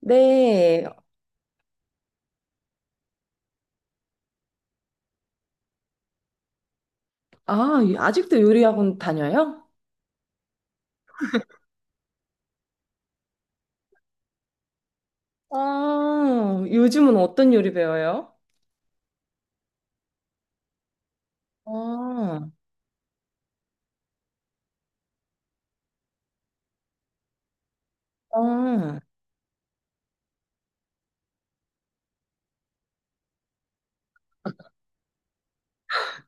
네. 아, 아직도 요리 학원 다녀요? 아, 요즘은 어떤 요리 배워요? 아, 아.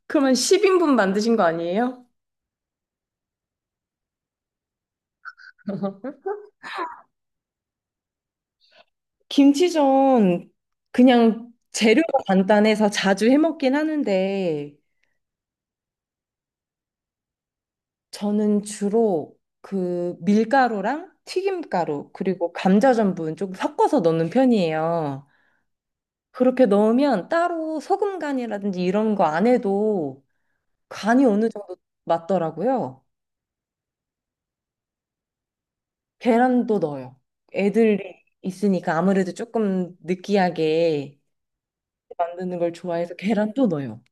그러면 10인분 만드신 거 아니에요? 김치전 그냥 재료가 간단해서 자주 해 먹긴 하는데 저는 주로 그 밀가루랑 튀김가루 그리고 감자 전분 조금 섞어서 넣는 편이에요. 그렇게 넣으면 따로 소금 간이라든지 이런 거 안 해도 간이 어느 정도 맞더라고요. 계란도 넣어요. 애들이 있으니까 아무래도 조금 느끼하게 만드는 걸 좋아해서 계란도 넣어요.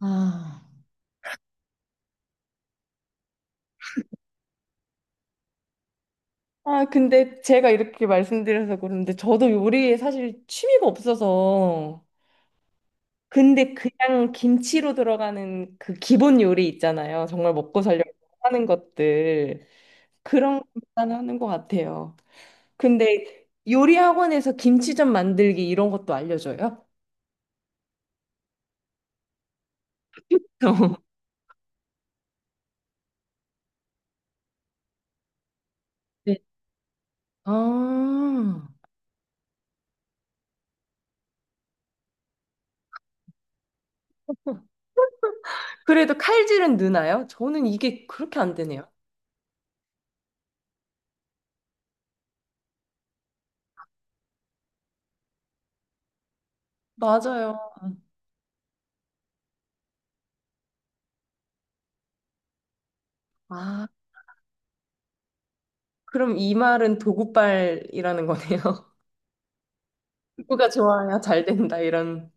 아. 아, 근데 제가 이렇게 말씀드려서 그런데 저도 요리에 사실 취미가 없어서 근데 그냥 김치로 들어가는 그 기본 요리 있잖아요. 정말 먹고 살려고 하는 것들 그런 것만 하는 것 같아요. 근데 요리 학원에서 김치전 만들기 이런 것도 알려줘요? 네. 아, 그래도 칼질은 느나요? 저는 이게 그렇게 안 되네요. 맞아요. 아, 그럼 이 말은 도구발이라는 거네요. 도구가 좋아야 잘 된다, 이런.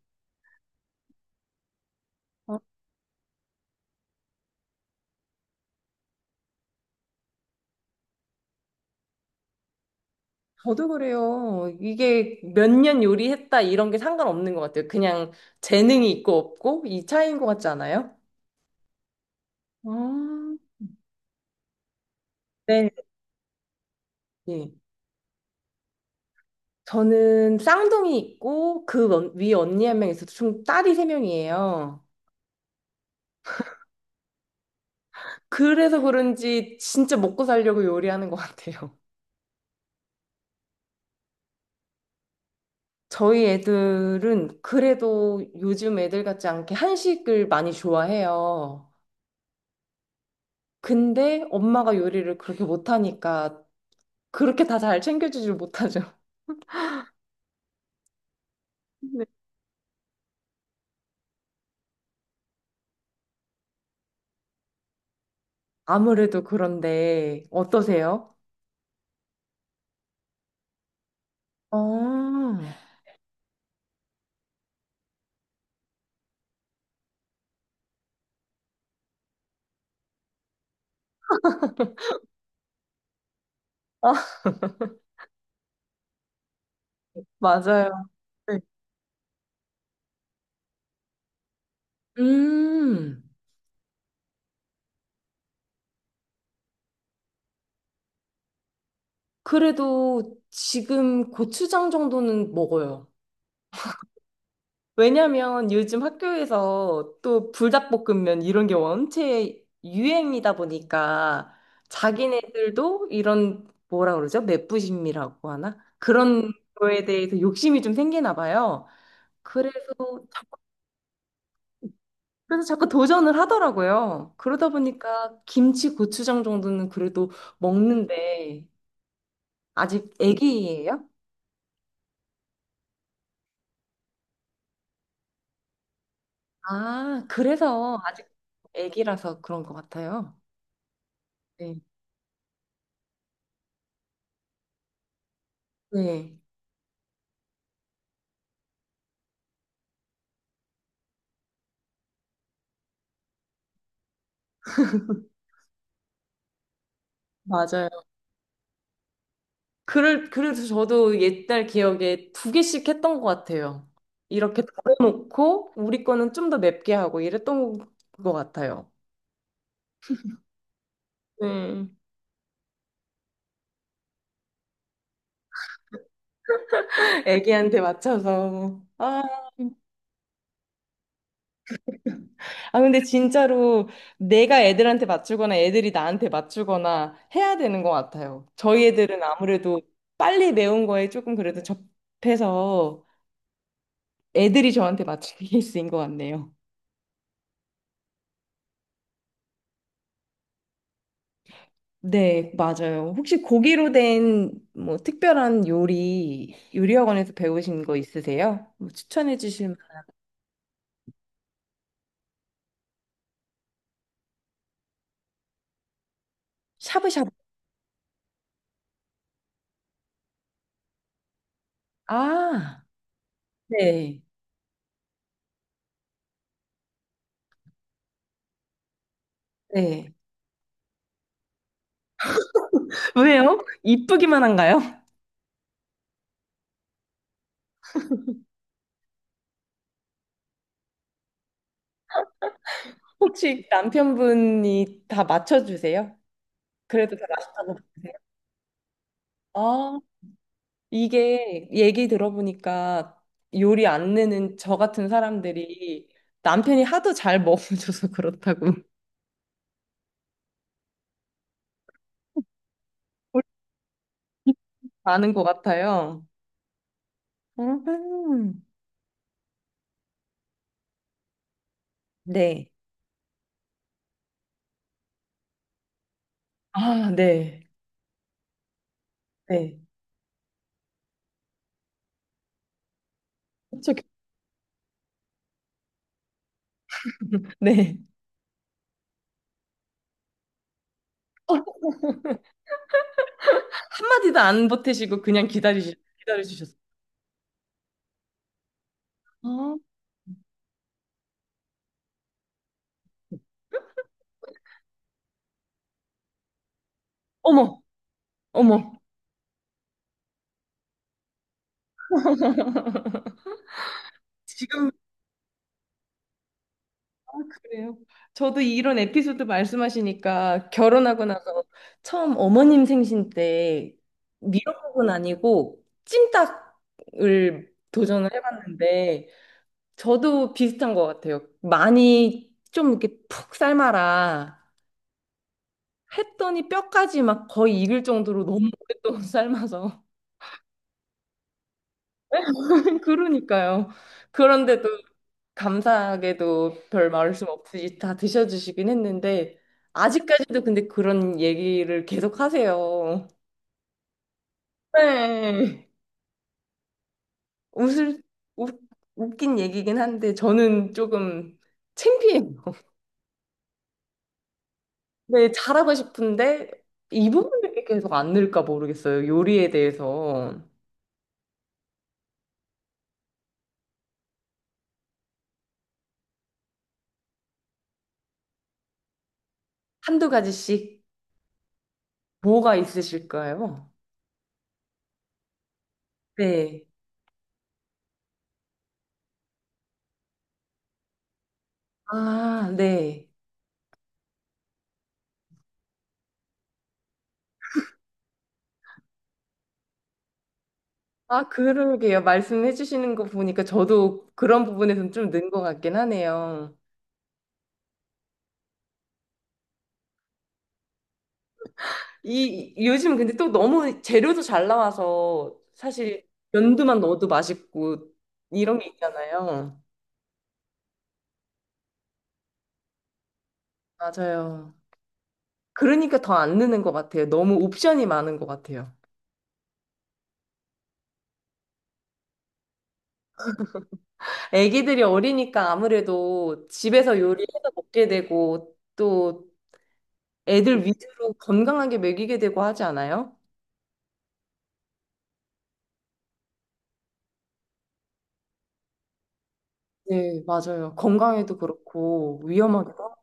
어, 저도 그래요. 이게 몇 년 요리했다, 이런 게 상관없는 것 같아요. 그냥 재능이 있고 없고, 이 차이인 것 같지 않아요? 아, 네. 예. 저는 쌍둥이 있고, 그 위에 언니 한 명 있어서 총 딸이 세 명이에요. 그래서 그런지 진짜 먹고 살려고 요리하는 것 같아요. 저희 애들은 그래도 요즘 애들 같지 않게 한식을 많이 좋아해요. 근데 엄마가 요리를 그렇게 못하니까 그렇게 다 잘 챙겨주질 못하죠. 네. 아무래도 그런데 어떠세요? 어, 아, 아, 맞아요. 네. 음, 그래도 지금 고추장 정도는 먹어요. 왜냐면 요즘 학교에서 또 불닭볶음면 이런 게 원체 유행이다 보니까 자기네들도 이런 뭐라 그러죠? 맵부심이라고 하나? 그런 거에 대해서 욕심이 좀 생기나 봐요. 그래서 자꾸, 그래서 자꾸 도전을 하더라고요. 그러다 보니까 김치, 고추장 정도는 그래도 먹는데 아직 애기예요? 아, 그래서 아직 애기라서 그런 것 같아요. 네. 네. 맞아요. 그래서 저도 옛날 기억에 두 개씩 했던 것 같아요. 이렇게 덜어놓고 우리 거는 좀 더 맵게 하고 이랬던 것 같아요. 네. 애기한테 맞춰서. 아, 아, 근데 진짜로 내가 애들한테 맞추거나 애들이 나한테 맞추거나 해야 되는 것 같아요. 저희 애들은 아무래도 빨리 매운 거에 조금 그래도 접해서 애들이 저한테 맞추는 케이스인 것 같네요. 네, 맞아요. 혹시 고기로 된 뭐 특별한 요리, 요리학원에서 배우신 거 있으세요? 뭐 추천해 주실 만- 샤브샤브. 아, 네. 네. 왜요? 이쁘기만 한가요? 혹시 남편분이 다 맞춰주세요? 그래도 다 맛있다고 보세요? 아, 이게 얘기 들어보니까 요리 안 내는 저 같은 사람들이 남편이 하도 잘 먹어줘서 그렇다고 많은 것 같아요. 음. 네. 아, 네. 네. 그쵸, 네. 어, 한마디도 안 보태시고 그냥 기다려주셨어요. 어? 어머, 어머. 지금 그래요. 저도 이런 에피소드 말씀하시니까 결혼하고 나서 처음 어머님 생신 때 미역국은 아니고 찜닭을 도전을 해봤는데 저도 비슷한 것 같아요. 많이 좀 이렇게 푹 삶아라. 했더니 뼈까지 막 거의 익을 정도로 너무 오랫동안 삶아서. 그러니까요. 그런데도 감사하게도 별 말씀 없이 다 드셔주시긴 했는데, 아직까지도 근데 그런 얘기를 계속 하세요. 네. 웃을, 웃, 웃긴 얘기긴 한데, 저는 조금 창피해요. 네, 잘하고 싶은데, 이 부분이 계속 안 늘까 모르겠어요. 요리에 대해서. 한두 가지씩 뭐가 있으실까요? 네. 아, 네. 아, 그러게요. 말씀해 주시는 거 보니까 저도 그런 부분에서는 좀 는 것 같긴 하네요. 이 요즘 근데 또 너무 재료도 잘 나와서 사실 연두만 넣어도 맛있고 이런 게 있잖아요. 맞아요. 그러니까 더 안 느는 것 같아요. 너무 옵션이 많은 것 같아요. 애기들이 어리니까 아무래도 집에서 요리해서 먹게 되고 또 애들 위주로 건강하게 먹이게 되고 하지 않아요? 네, 맞아요. 건강에도 그렇고 위험하기도 하고.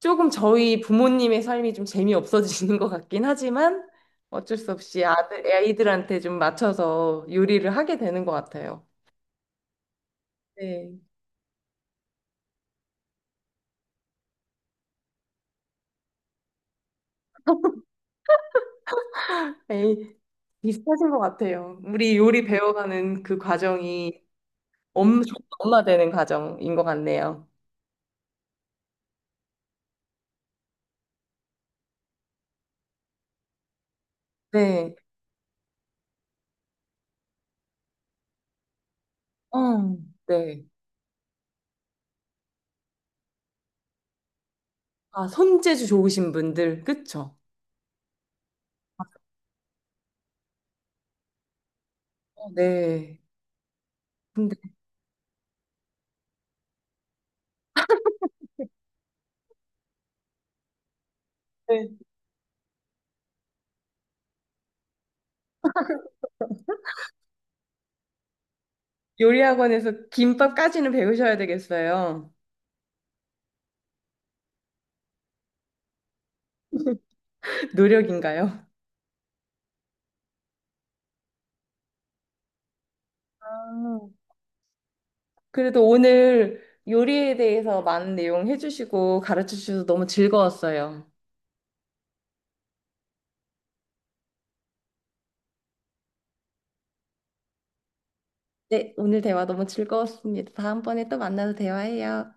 조금 저희 부모님의 삶이 좀 재미없어지는 것 같긴 하지만 어쩔 수 없이 아들, 아이들한테 좀 맞춰서 요리를 하게 되는 것 같아요. 네. 에이, 비슷하신 것 같아요. 우리 요리 배워가는 그 과정이 좋은 엄마 되는 과정인 것 같네요. 네. 어, 네. 아, 손재주 좋으신 분들, 그쵸? 어, 네. 근데 네. 요리 학원에서 김밥까지는 배우셔야 되겠어요. 노력인가요? 아, 그래도 오늘 요리에 대해서 많은 내용 해주시고 가르쳐 주셔서 너무 즐거웠어요. 네, 오늘 대화 너무 즐거웠습니다. 다음번에 또 만나서 대화해요.